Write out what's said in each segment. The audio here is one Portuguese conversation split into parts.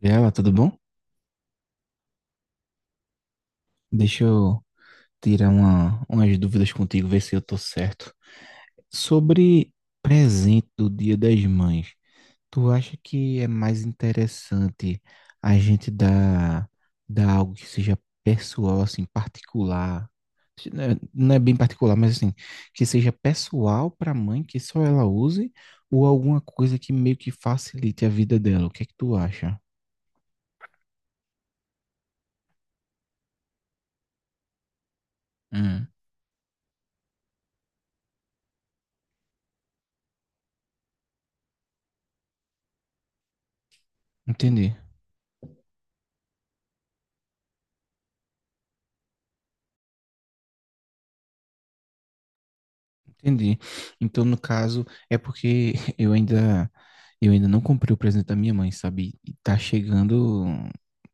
Gabriela, tudo bom? Deixa eu tirar umas dúvidas contigo, ver se eu tô certo. Sobre presente do Dia das Mães, tu acha que é mais interessante a gente dar algo que seja pessoal, assim, particular? Não é bem particular, mas assim, que seja pessoal para a mãe, que só ela use, ou alguma coisa que meio que facilite a vida dela? O que é que tu acha? Hum, Entendi. Entendi. Então, no caso, é porque eu ainda não comprei o presente da minha mãe, sabe? E tá chegando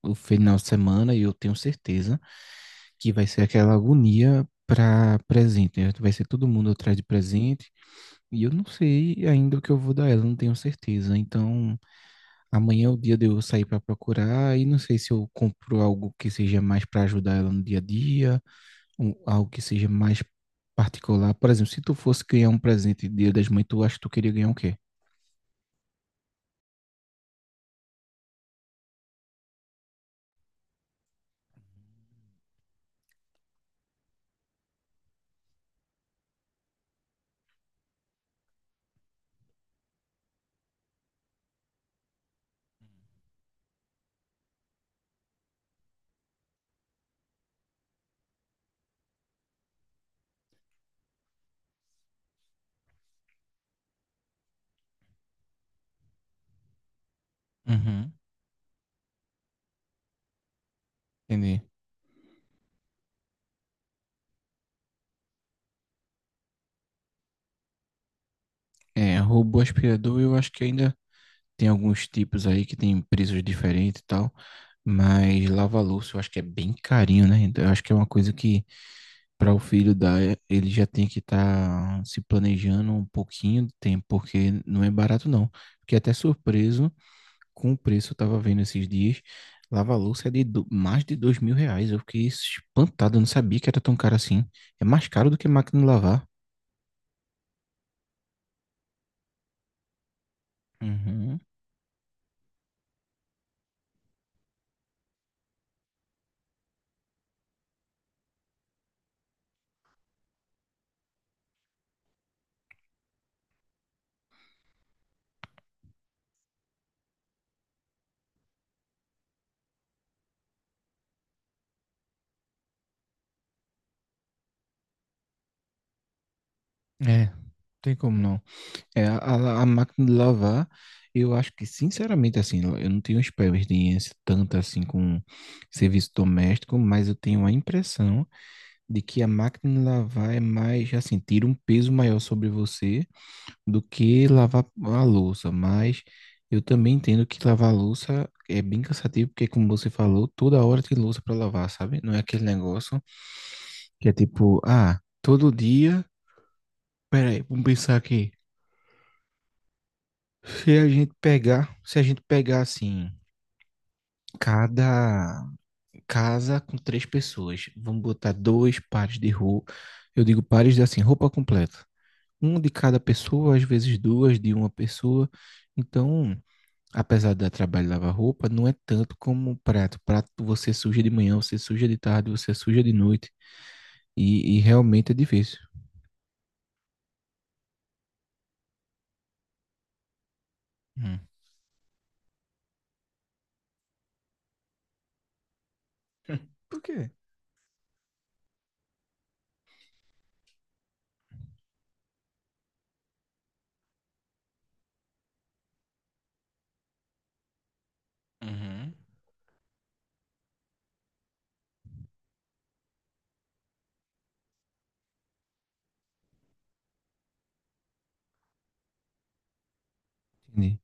o final de semana e eu tenho certeza que vai ser aquela agonia para presente, né? Vai ser todo mundo atrás de presente e eu não sei ainda o que eu vou dar ela, não tenho certeza. Então, amanhã é o dia de eu sair para procurar e não sei se eu compro algo que seja mais para ajudar ela no dia a dia, algo que seja mais particular. Por exemplo, se tu fosse ganhar um presente de Dia das Mães, tu acha que tu queria ganhar o quê? Uhum. Entendi. É, robô aspirador, eu acho que ainda tem alguns tipos aí que tem preços diferentes e tal, mas lava-louça eu acho que é bem carinho, né? Então, eu acho que é uma coisa que para o filho dar, ele já tem que estar se planejando um pouquinho de tempo, porque não é barato não. Fiquei até surpreso com o preço, eu tava vendo esses dias, lava-louça é mais de R$ 2.000. Eu fiquei espantado, eu não sabia que era tão caro assim. É mais caro do que máquina de lavar. Uhum. É, não tem como não. É, a máquina de lavar, eu acho que, sinceramente, assim, eu não tenho experiência tanta assim com serviço doméstico, mas eu tenho a impressão de que a máquina de lavar é mais, assim, tira um peso maior sobre você do que lavar a louça, mas eu também entendo que lavar a louça é bem cansativo, porque como você falou, toda hora tem louça para lavar, sabe? Não é aquele negócio que é tipo, ah, todo dia, peraí, vamos pensar aqui. Se a gente pegar assim, cada casa com três pessoas, vamos botar dois pares de roupa, eu digo pares de assim, roupa completa. Um de cada pessoa, às vezes duas de uma pessoa. Então, apesar de dar trabalho de lavar roupa, não é tanto como o prato. O prato você suja de manhã, você suja de tarde, você suja de noite. E realmente é difícil. Hum. Por quê? Uhum. Entendi.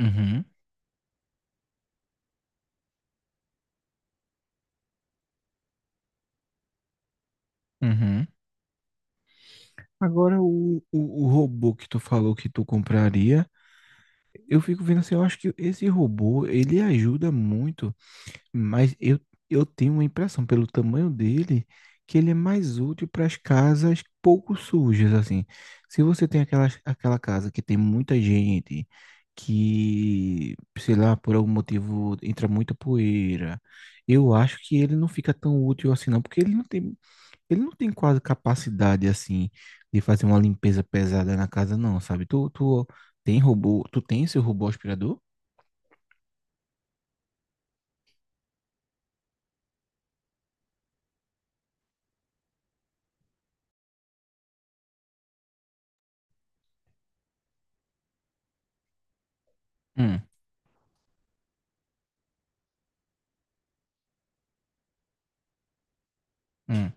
Uhum. Uhum. Agora, o robô que tu falou que tu compraria, eu fico vendo assim, eu acho que esse robô, ele ajuda muito. Mas eu tenho uma impressão, pelo tamanho dele, que ele é mais útil para as casas pouco sujas, assim. Se você tem aquela casa que tem muita gente, que, sei lá, por algum motivo entra muita poeira, eu acho que ele não fica tão útil assim, não, porque ele não tem, quase capacidade, assim, de fazer uma limpeza pesada na casa, não, sabe? Tu tem robô, tu tem seu robô aspirador? Hum, hum,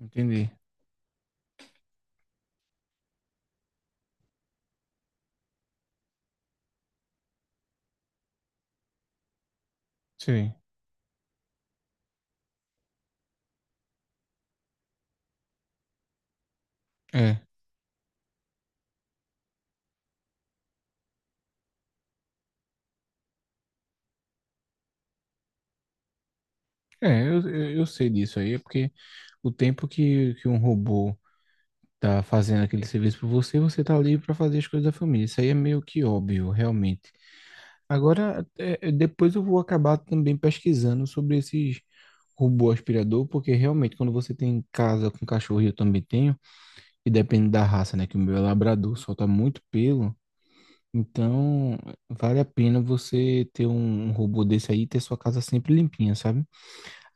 entendi. Sim, é. É, eu sei disso aí, é porque o tempo que um robô tá fazendo aquele serviço por você, você tá livre para fazer as coisas da família. Isso aí é meio que óbvio, realmente. Agora, depois eu vou acabar também pesquisando sobre esses robô aspirador, porque realmente quando você tem em casa com cachorro, e eu também tenho, e depende da raça, né, que o meu é labrador, solta muito pelo, então vale a pena você ter um robô desse aí e ter sua casa sempre limpinha, sabe?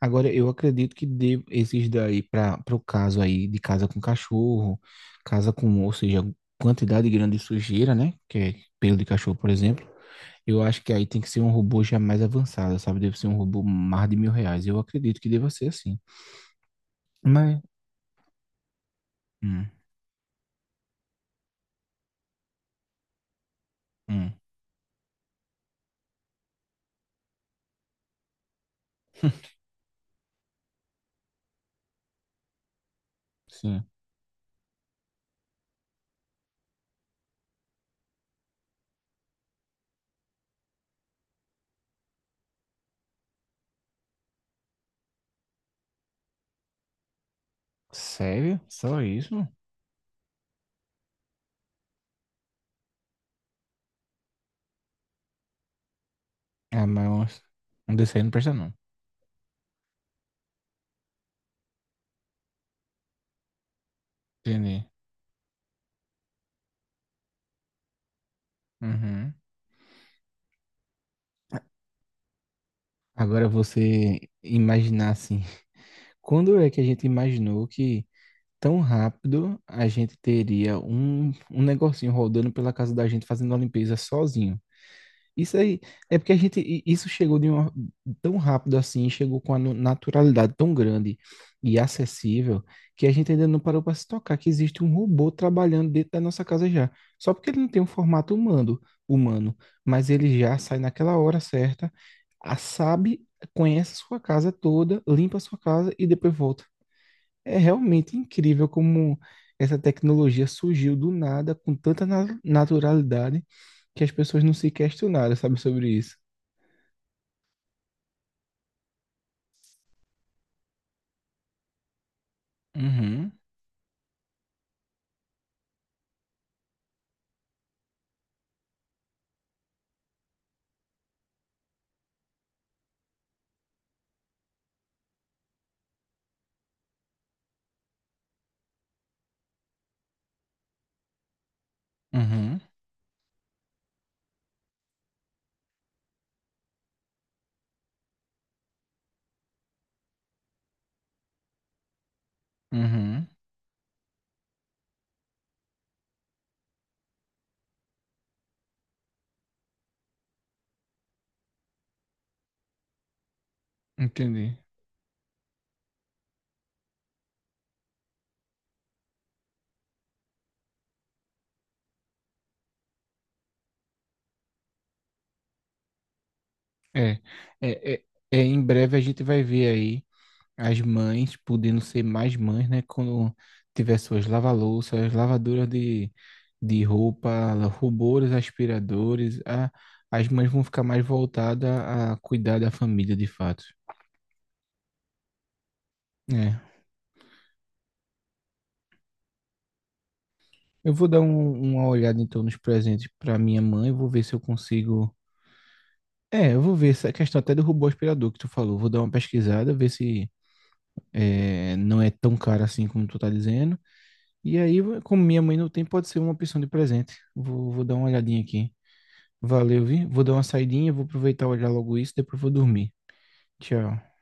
Agora, eu acredito esses daí, para o caso aí de casa com cachorro, casa com, ou seja, quantidade grande de sujeira, né? Que é pelo de cachorro, por exemplo. Eu acho que aí tem que ser um robô já mais avançado, sabe? Deve ser um robô mais de R$ 1.000. Eu acredito que deva ser assim. Mas. Hum, hum, sim. Sério? Só isso? Ah, mas um desse aí não presta, não. Entendi. Uhum. Agora você imaginar assim. Quando é que a gente imaginou que tão rápido a gente teria um negocinho rodando pela casa da gente fazendo a limpeza sozinho. Isso aí é porque isso chegou de uma, tão rápido assim, chegou com a naturalidade tão grande e acessível que a gente ainda não parou para se tocar que existe um robô trabalhando dentro da nossa casa já. Só porque ele não tem um formato humano, mas ele já sai naquela hora certa, sabe, conhece a sua casa toda, limpa a sua casa e depois volta. É realmente incrível como essa tecnologia surgiu do nada, com tanta naturalidade, que as pessoas não se questionaram, sabe, sobre isso. Uhum, uhum, uhum, entendi. É, é, é, é, em breve a gente vai ver aí as mães podendo ser mais mães, né? Quando tiver suas lava-louças, lavadoras de roupa, robôs, aspiradores, as mães vão ficar mais voltadas a cuidar da família, de fato. É. Eu vou dar uma olhada então nos presentes para minha mãe, vou ver se eu consigo. É, eu vou ver essa questão até do robô aspirador que tu falou. Vou dar uma pesquisada, ver se não é tão caro assim como tu tá dizendo. E aí, como minha mãe não tem, pode ser uma opção de presente. Vou dar uma olhadinha aqui. Valeu, vi? Vou dar uma saidinha, vou aproveitar e olhar logo isso, depois vou dormir. Tchau.